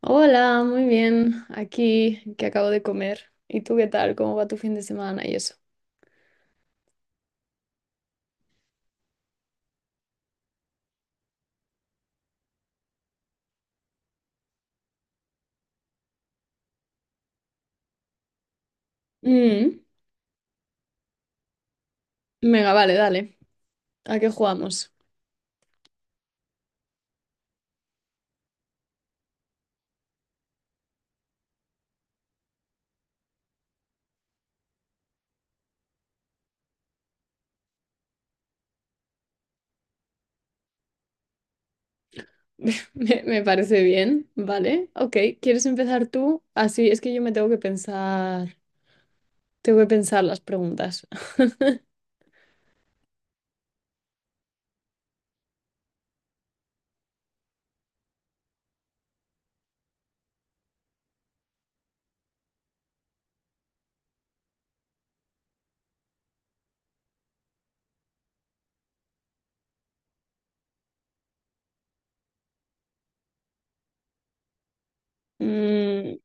Hola, muy bien. Aquí que acabo de comer. ¿Y tú qué tal? ¿Cómo va tu fin de semana y eso? Mm, venga, vale, dale. ¿A qué jugamos? Me parece bien, ¿vale? Ok, ¿quieres empezar tú? Así es que yo me tengo que pensar las preguntas. Mm,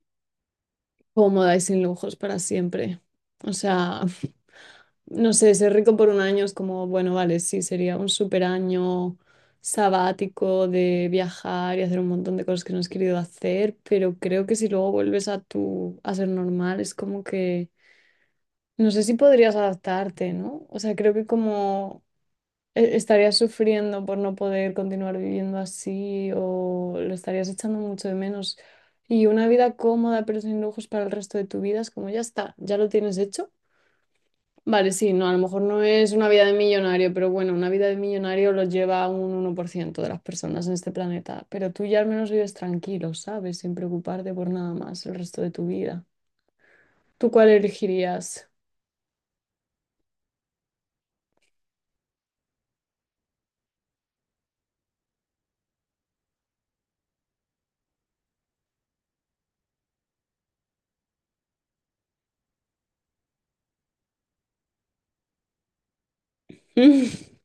Cómoda y sin lujos para siempre. O sea, no sé, ser rico por un año es como, bueno, vale, sí, sería un super año sabático de viajar y hacer un montón de cosas que no has querido hacer, pero creo que si luego vuelves a a ser normal, es como que, no sé si podrías adaptarte, ¿no? O sea, creo que como estarías sufriendo por no poder continuar viviendo así o lo estarías echando mucho de menos. Y una vida cómoda pero sin lujos para el resto de tu vida es como ya está, ya lo tienes hecho. Vale, sí, no, a lo mejor no es una vida de millonario, pero bueno, una vida de millonario lo lleva un 1% de las personas en este planeta. Pero tú ya al menos vives tranquilo, ¿sabes? Sin preocuparte por nada más el resto de tu vida. ¿Tú cuál elegirías?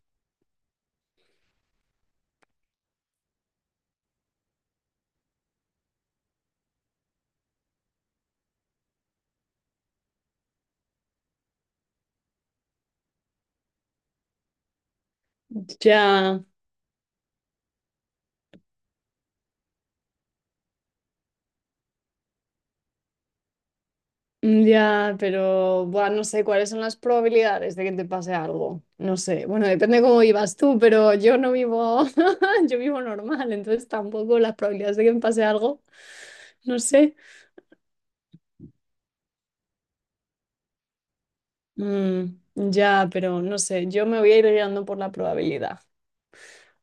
Ya, ya, pero buah, no sé cuáles son las probabilidades de que te pase algo. No sé, bueno, depende cómo vivas tú, pero yo no vivo, yo vivo normal, entonces tampoco las probabilidades de que me pase algo, no sé. Ya, pero no sé, yo me voy a ir guiando por la probabilidad.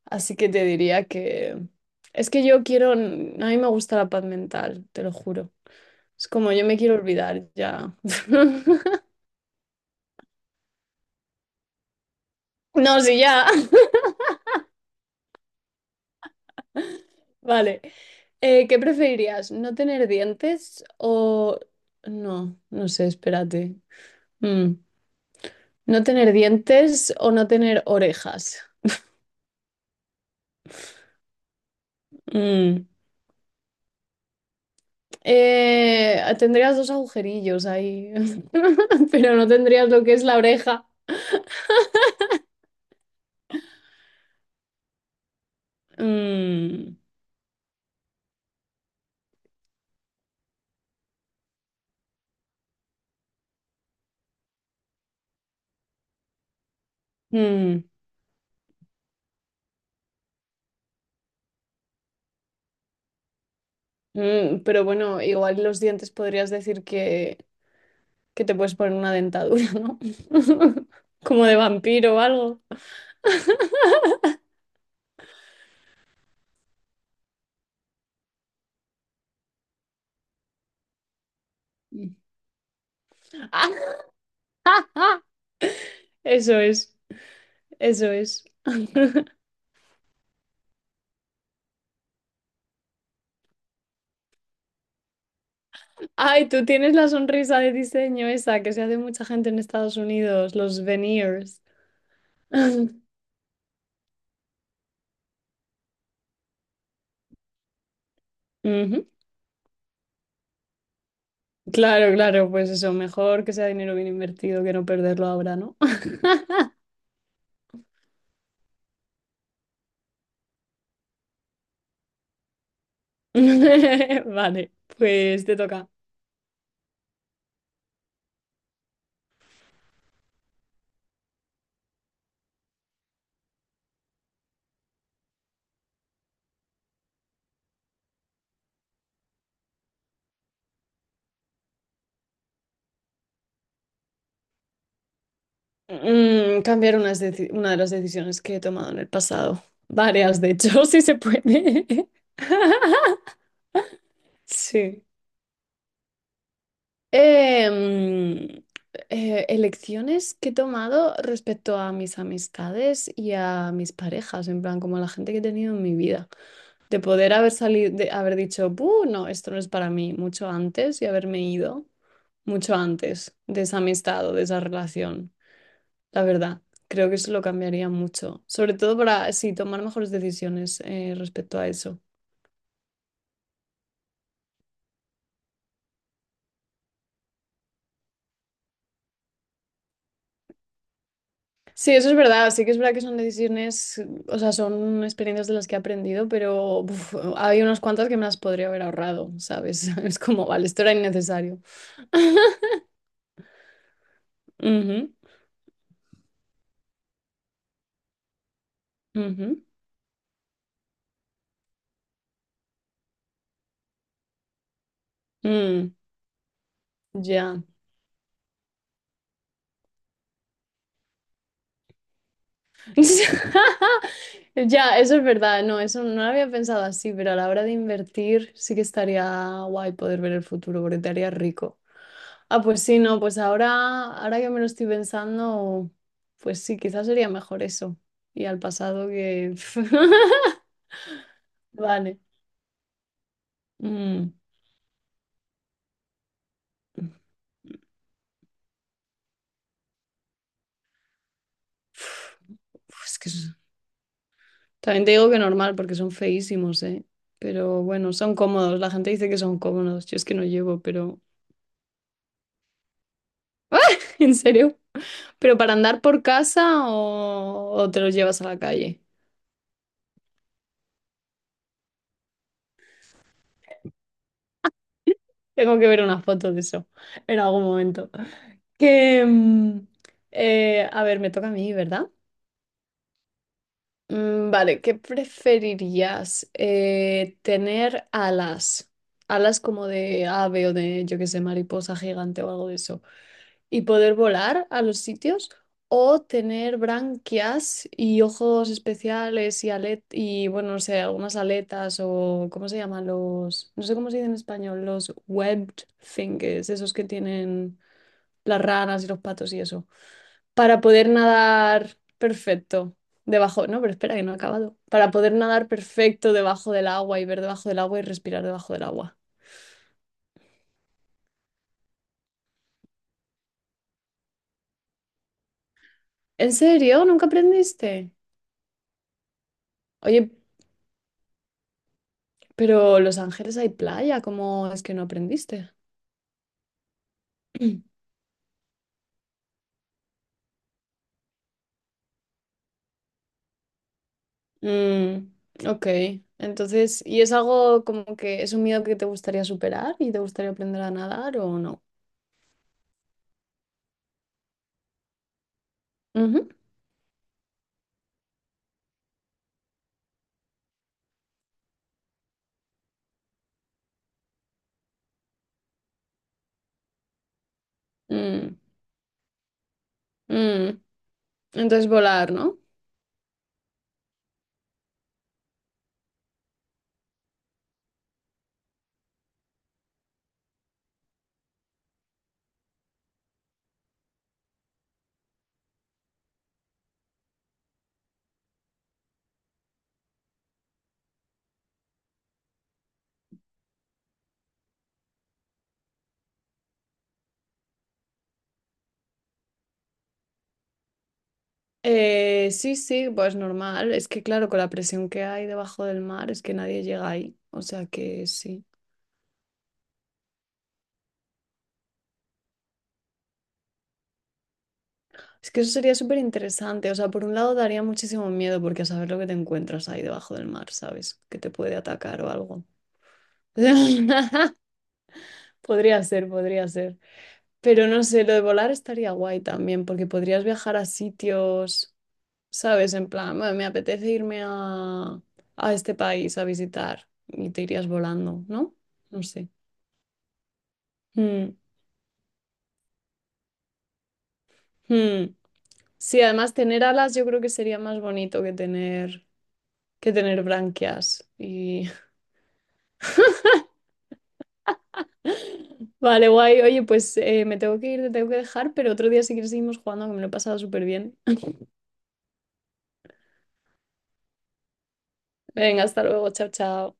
Así que te diría que... Es que yo quiero... A mí me gusta la paz mental, te lo juro. Es como yo me quiero olvidar ya. No, sí, ya. Vale. ¿Qué preferirías? ¿No tener dientes o... No, no sé, espérate. Mm, ¿No tener dientes o no tener orejas? Mm. Tendrías dos agujerillos ahí, pero no tendrías lo que es la oreja. Mm, mm, pero bueno, igual los dientes podrías decir que te puedes poner una dentadura, ¿no? Como de vampiro o algo. Eso es, eso es. Ay, tú tienes la sonrisa de diseño esa que se hace mucha gente en Estados Unidos, los veneers. Ujú. Claro, claro, pues eso, mejor que sea dinero bien invertido que no perderlo ahora, ¿no? Vale, pues te toca. Cambiar unas una de las decisiones que he tomado en el pasado. Varias, de hecho, si se puede. Sí. Em, Elecciones que he tomado respecto a mis amistades y a mis parejas, en plan, como a la gente que he tenido en mi vida. De poder haber salido, de haber dicho, "Buh, no, esto no es para mí", mucho antes y haberme ido mucho antes de esa amistad o de esa relación. La verdad, creo que eso lo cambiaría mucho, sobre todo para, sí, tomar mejores decisiones respecto a eso. Sí, eso es verdad, sí que es verdad que son decisiones, o sea, son experiencias de las que he aprendido, pero uf, hay unas cuantas que me las podría haber ahorrado, ¿sabes? Es como, vale, esto era innecesario. Ujú, ujú, mm, ya. Ya, eso es verdad, no, eso no lo había pensado así, pero a la hora de invertir sí que estaría guay poder ver el futuro porque te haría rico. Ah, pues sí, no, pues ahora, ahora que me lo estoy pensando, pues sí, quizás sería mejor eso. Y al pasado que... Vale. Mm. Uf, es que también te digo que normal porque son feísimos, ¿eh? Pero bueno, son cómodos. La gente dice que son cómodos. Yo es que no llevo, pero en serio. ¿Pero para andar por casa o te los llevas a la calle? Tengo que ver unas fotos de eso en algún momento. Que, a ver, me toca a mí, ¿verdad? Vale, ¿qué preferirías? ¿Tener alas? Alas como de ave o de, yo qué sé, mariposa gigante o algo de eso. Y poder volar a los sitios o tener branquias y ojos especiales y alet y bueno, no sé, algunas aletas o ¿cómo se llaman los? No sé cómo se dice en español, los webbed fingers, esos que tienen las ranas y los patos y eso, para poder nadar perfecto. Debajo, no, pero espera que no he acabado. Para poder nadar perfecto debajo del agua y ver debajo del agua y respirar debajo del agua. ¿En serio? ¿Nunca aprendiste? Oye, pero Los Ángeles hay playa, ¿cómo es que no aprendiste? Mm, ok, entonces, ¿y es algo como que es un miedo que te gustaría superar y te gustaría aprender a nadar o no? Ujú. Mm, mm. Entonces, volar, ¿no? Sí, sí, pues normal. Es que claro, con la presión que hay debajo del mar, es que nadie llega ahí. O sea que sí. Es que eso sería súper interesante. O sea, por un lado daría muchísimo miedo porque a saber lo que te encuentras ahí debajo del mar, ¿sabes? Que te puede atacar o algo. Podría ser, podría ser. Pero no sé, lo de volar estaría guay también, porque podrías viajar a sitios, ¿sabes? En plan, "Bueno, me apetece irme a este país a visitar y te irías volando, ¿no?" No sé. Mm, mm. Sí, además tener alas yo creo que sería más bonito que tener branquias. Y... Vale, guay. Oye, pues me tengo que ir, te tengo que dejar, pero otro día si quieres seguimos jugando, que me lo he pasado súper bien. Venga, hasta luego, chao, chao.